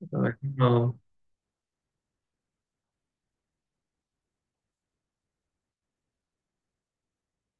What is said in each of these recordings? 嗯那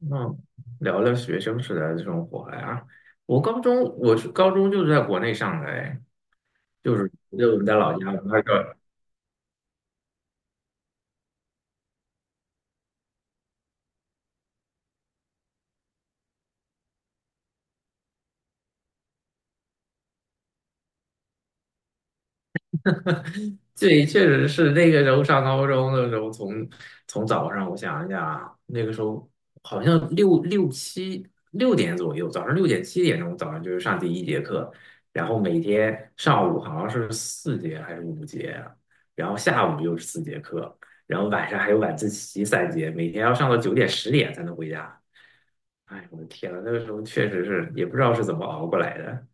嗯。聊聊学生时代的这生活呀。我是高中就是在国内上的，哎，就是就我们在老家，我们那儿叫。对，确实是那个时候上高中的时候从早上我想一下啊，那个时候好像六点左右，早上六点7点钟就是上第一节课，然后每天上午好像是四节还是5节啊，然后下午又是4节课，然后晚上还有晚自习三节，每天要上到9点10点才能回家。哎，我的天呐，那个时候确实是也不知道是怎么熬过来的。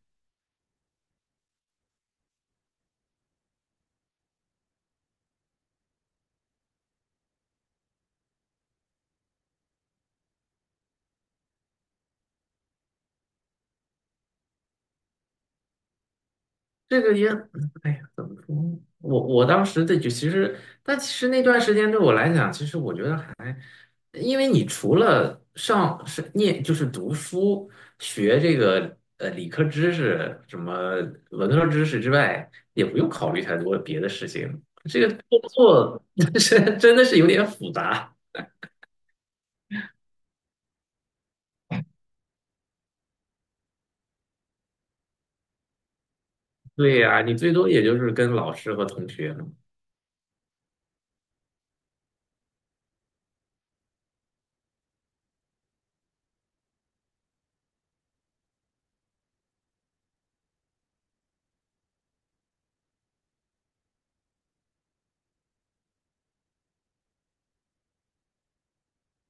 这个也，哎呀，怎么说？我当时其实，但其实那段时间对我来讲，其实我觉得还，因为你除了上是念就是读书学这个理科知识什么文科知识之外，也不用考虑太多别的事情。这个工作 是真的是有点复杂。对呀，你最多也就是跟老师和同学。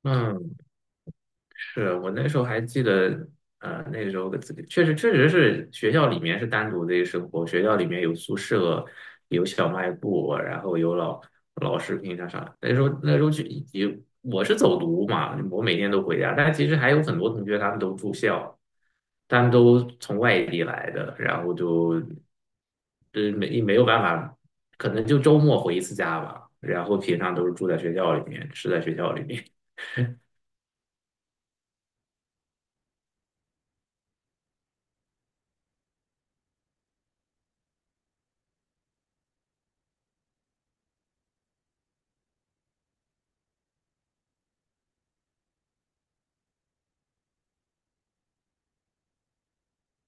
嗯，是我那时候还记得，那时候的自己确实是学校里面是单独的一个生活，学校里面有宿舍，有小卖部，然后有老师平常上。那时候去，也我是走读嘛，我每天都回家，但其实还有很多同学他们都住校，他们都从外地来的，然后就对没有办法，可能就周末回一次家吧，然后平常都是住在学校里面，吃在学校里面。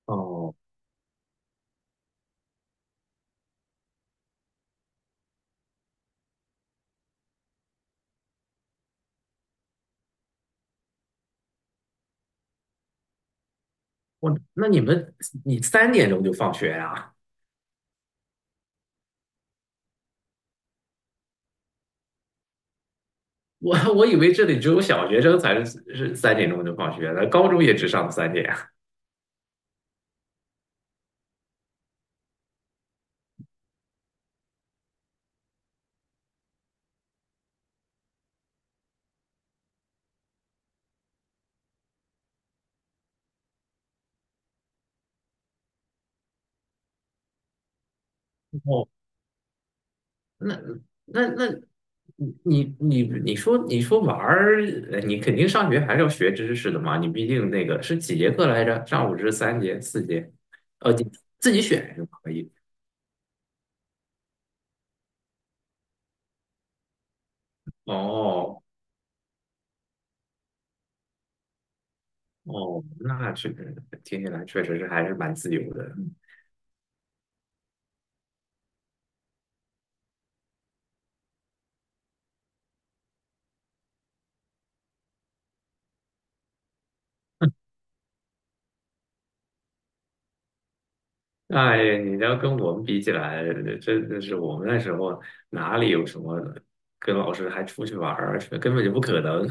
哦。我那你们你三点钟就放学呀。我以为这里只有小学生才是三点钟就放学的，高中也只上三点。哦，那那那，你说玩儿。你肯定上学还是要学知识的嘛？你毕竟那个是几节课来着？上午是3节、4节。你自己选就可以。哦哦，那这个听起来确实是还是蛮自由的。哎，你要跟我们比起来，真的是我们那时候哪里有什么跟老师还出去玩儿，根本就不可能。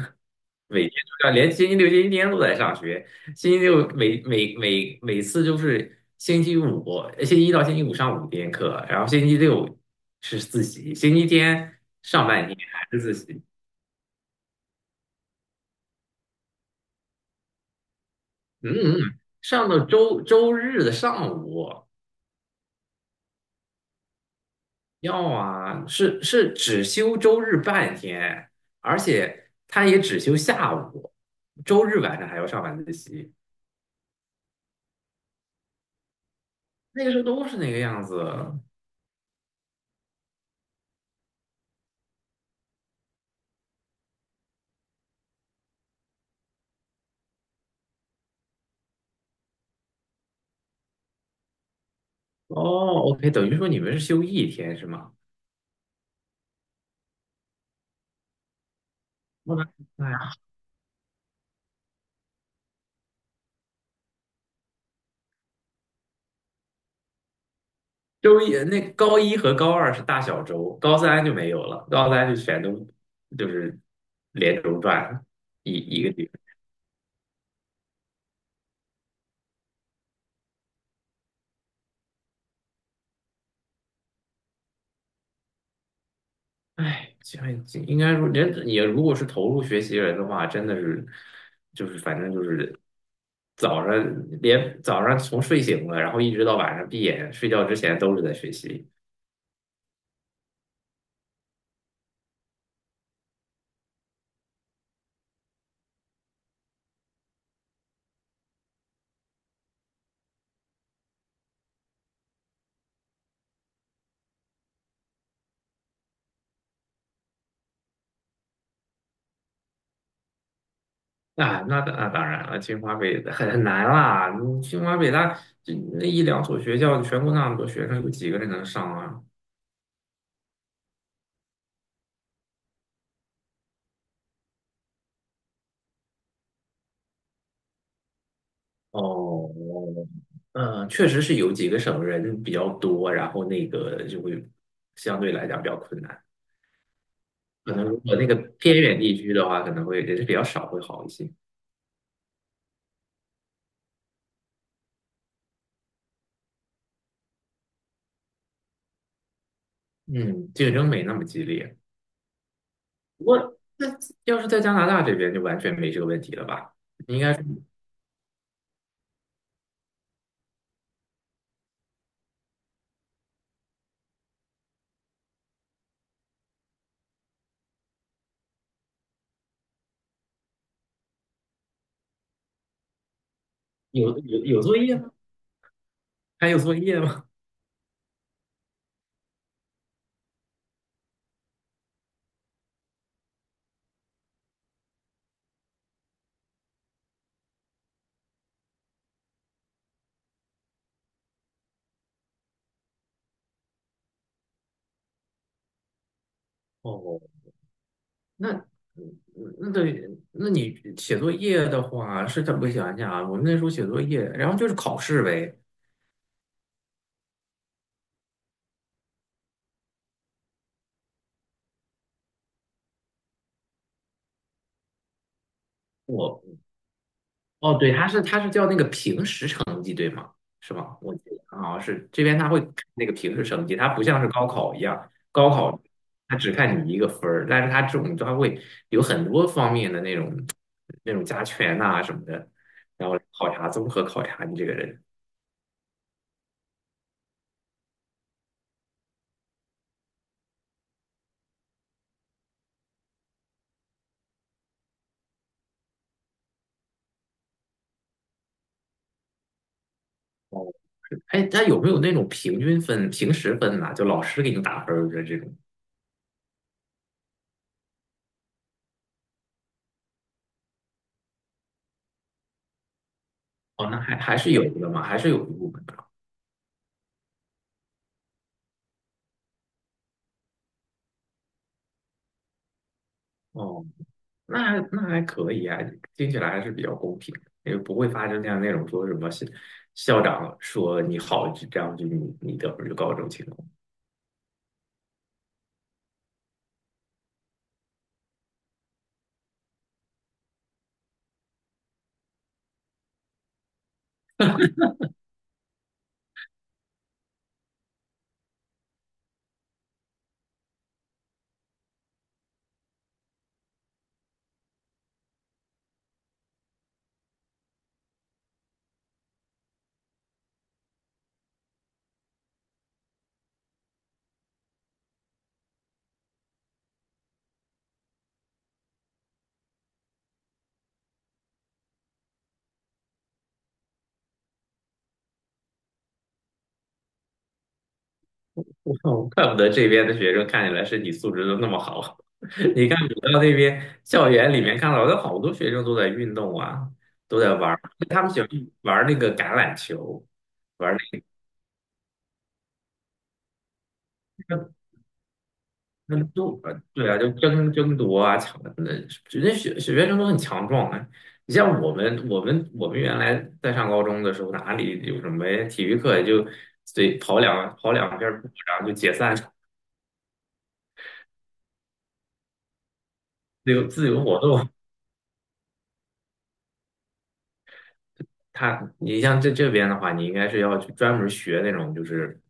每天都要，连星期六、星期天都在上学。星期六每次就是星期五，星期一到星期五上5天课，然后星期六是自习，星期天上半天还是自习。嗯。嗯，上到周日的上午。要啊，是只休周日半天，而且他也只休下午，周日晚上还要上晚自习。那个时候都是那个样子。哦，OK，等于说你们是休一天是吗？我的妈呀！那高一和高二是大小周，高三就没有了，高三就全都就是连轴转一个。哎，这样应该说，人也如果是投入学习人的话，真的是，就是反正就是早上连早上从睡醒了，然后一直到晚上闭眼睡觉之前都是在学习。啊，那当然了，清华北很难啦，你清华北大这那一两所学校，全国那么多学生，有几个人能上啊？哦。嗯，确实是有几个省人比较多，然后那个就会相对来讲比较困难。可能如果那个偏远地区的话，可能会人是比较少，会好一些。嗯，竞争没那么激烈。不过，那要是在加拿大这边，就完全没这个问题了吧？应该是有作业吗？还有作业吗？哦，那嗯那，对，那你写作业的话，是怎么想想啊？我们那时候写作业，然后就是考试呗。我。哦，对，它是叫那个平时成绩，对吗？是吗？我记得啊，是这边他会看那个平时成绩，它不像是高考一样，高考它只看你一个分儿，但是它这种它会有很多方面的那种加权呐、什么的，然后考察综合考察你这个人。哦，是。哎，它有没有那种平均分、平时分呐、就老师给你打分儿的这种？哦，那还是有的嘛，还是有一部分的。哦，那还可以啊，听起来还是比较公平的，为不会发生像那种说什么校长说你好，就这样就你你得分就高这种情况。我怪不得这边的学生看起来身体素质都那么好。你看，我到那边校园里面看到有好多学生都在运动啊，都在玩儿他们喜欢玩儿那个橄榄球，玩儿那个。那就啊，对啊，就争夺啊，抢的，人家学生都很强壮啊。你像我们，我们原来在上高中的时候，哪里有什么体育课，也就随跑两遍步，然后就解散，自由活动。你像这边的话，你应该是要去专门学那种，就是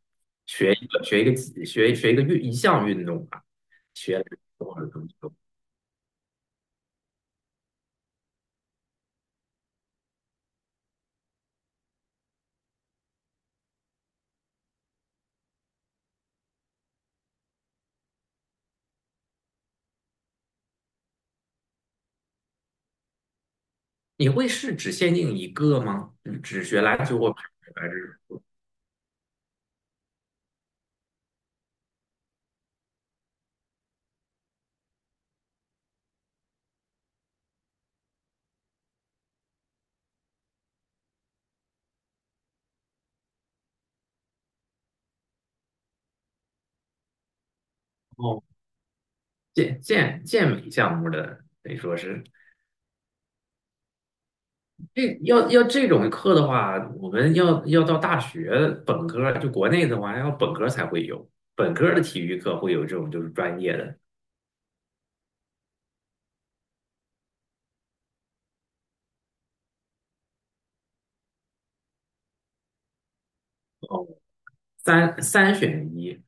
学一个学一个技学学一个运一项运动吧，学或者什么你会是只限定一个吗？只学篮球或排球还是？健美项目的，得说是这要这种课的话，我们要到大学本科，就国内的话，要本科才会有，本科的体育课会有这种就是专业的。哦，三选一。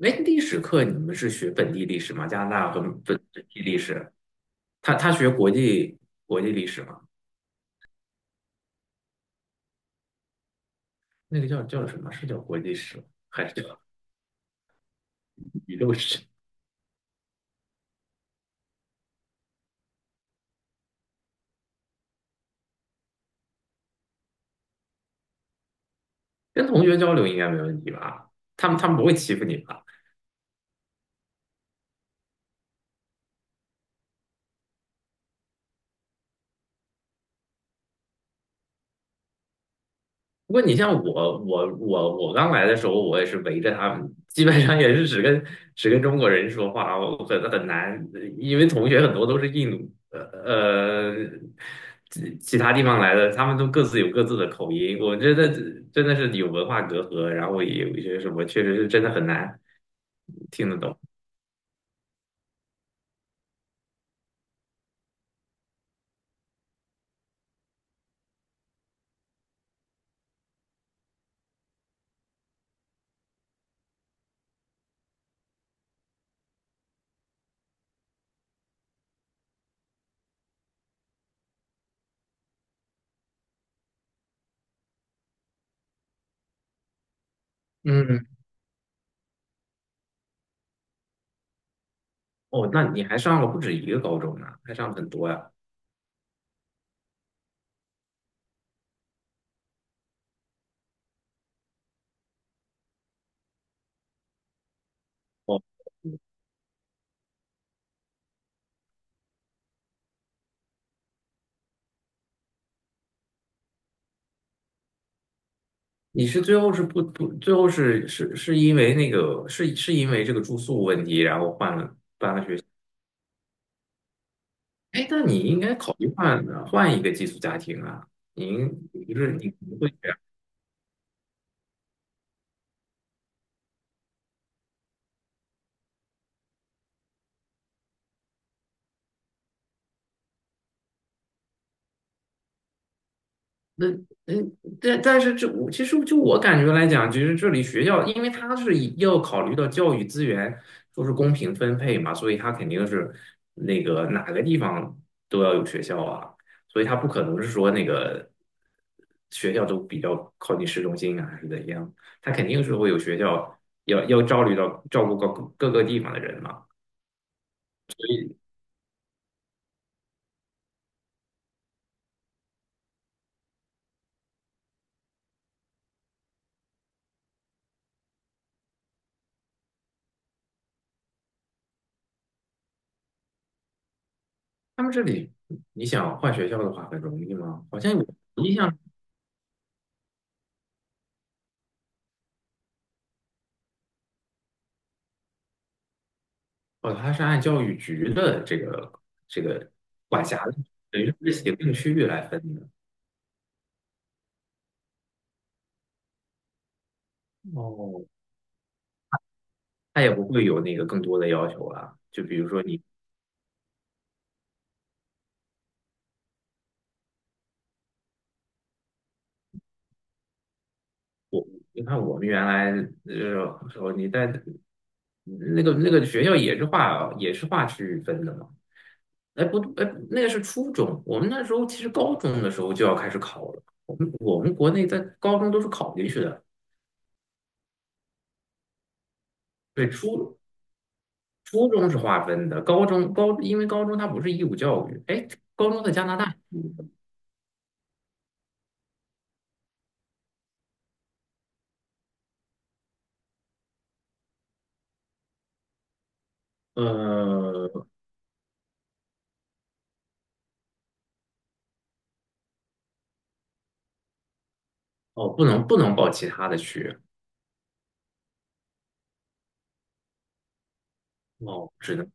哎，历史课你们是学本地历史吗？加拿大和本地历史？他学国际历史吗？那个叫什么？是叫国际史吗还是叫宇宙史？跟同学交流应该没问题吧？他们不会欺负你吧？不过你像我，我刚来的时候，我也是围着他们，基本上也是只跟中国人说话，我很难，因为同学很多都是印度，其他地方来的，他们都各自有各自的口音，我觉得真的是有文化隔阂，然后也有一些什么，确实是真的很难听得懂。嗯。哦，那你还上了不止一个高中呢，还上了很多呀。你是最后是不不，最后是因为那个是因为这个住宿问题，然后换了。哎，那你应该考虑换一个寄宿家庭啊！您你不是你不会。这样。那，但是这我其实就我感觉来讲，其实这里学校，因为它是以要考虑到教育资源说是公平分配嘛，所以它肯定是那个哪个地方都要有学校啊，所以它不可能是说那个学校都比较靠近市中心啊，还是怎样，它肯定是会有学校要照虑到照顾各个地方的人嘛。他们这里你想换学校的话很容易吗？好像我印象。哦，它是按教育局的这个管辖的，等于是行政区域来分的。哦，它也不会有那个更多的要求啊。就比如说你，你看我们原来时候，你在那个学校也是划区域分的嘛。哎不哎，那个是初中，我们那时候其实高中的时候就要开始考了。我们国内在高中都是考进去的。对，初中是划分的，高中因为高中它不是义务教育，哎，高中在加拿大呃，哦，不能报其他的区。哦，只能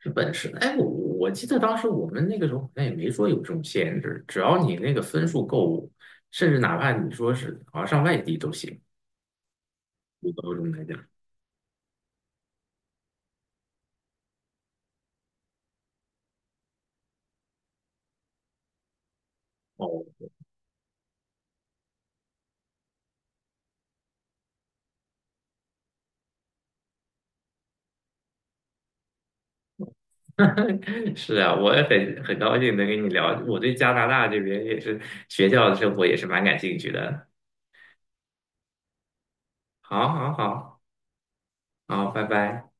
是本市。哎，我记得当时我们那个时候好像也没说有这种限制，只要你那个分数够，甚至哪怕你说是好像上外地都行，对高中来讲。哦，是啊，我也很高兴能跟你聊，我对加拿大这边也是学校的生活也是蛮感兴趣的。好，好，好，好，拜拜。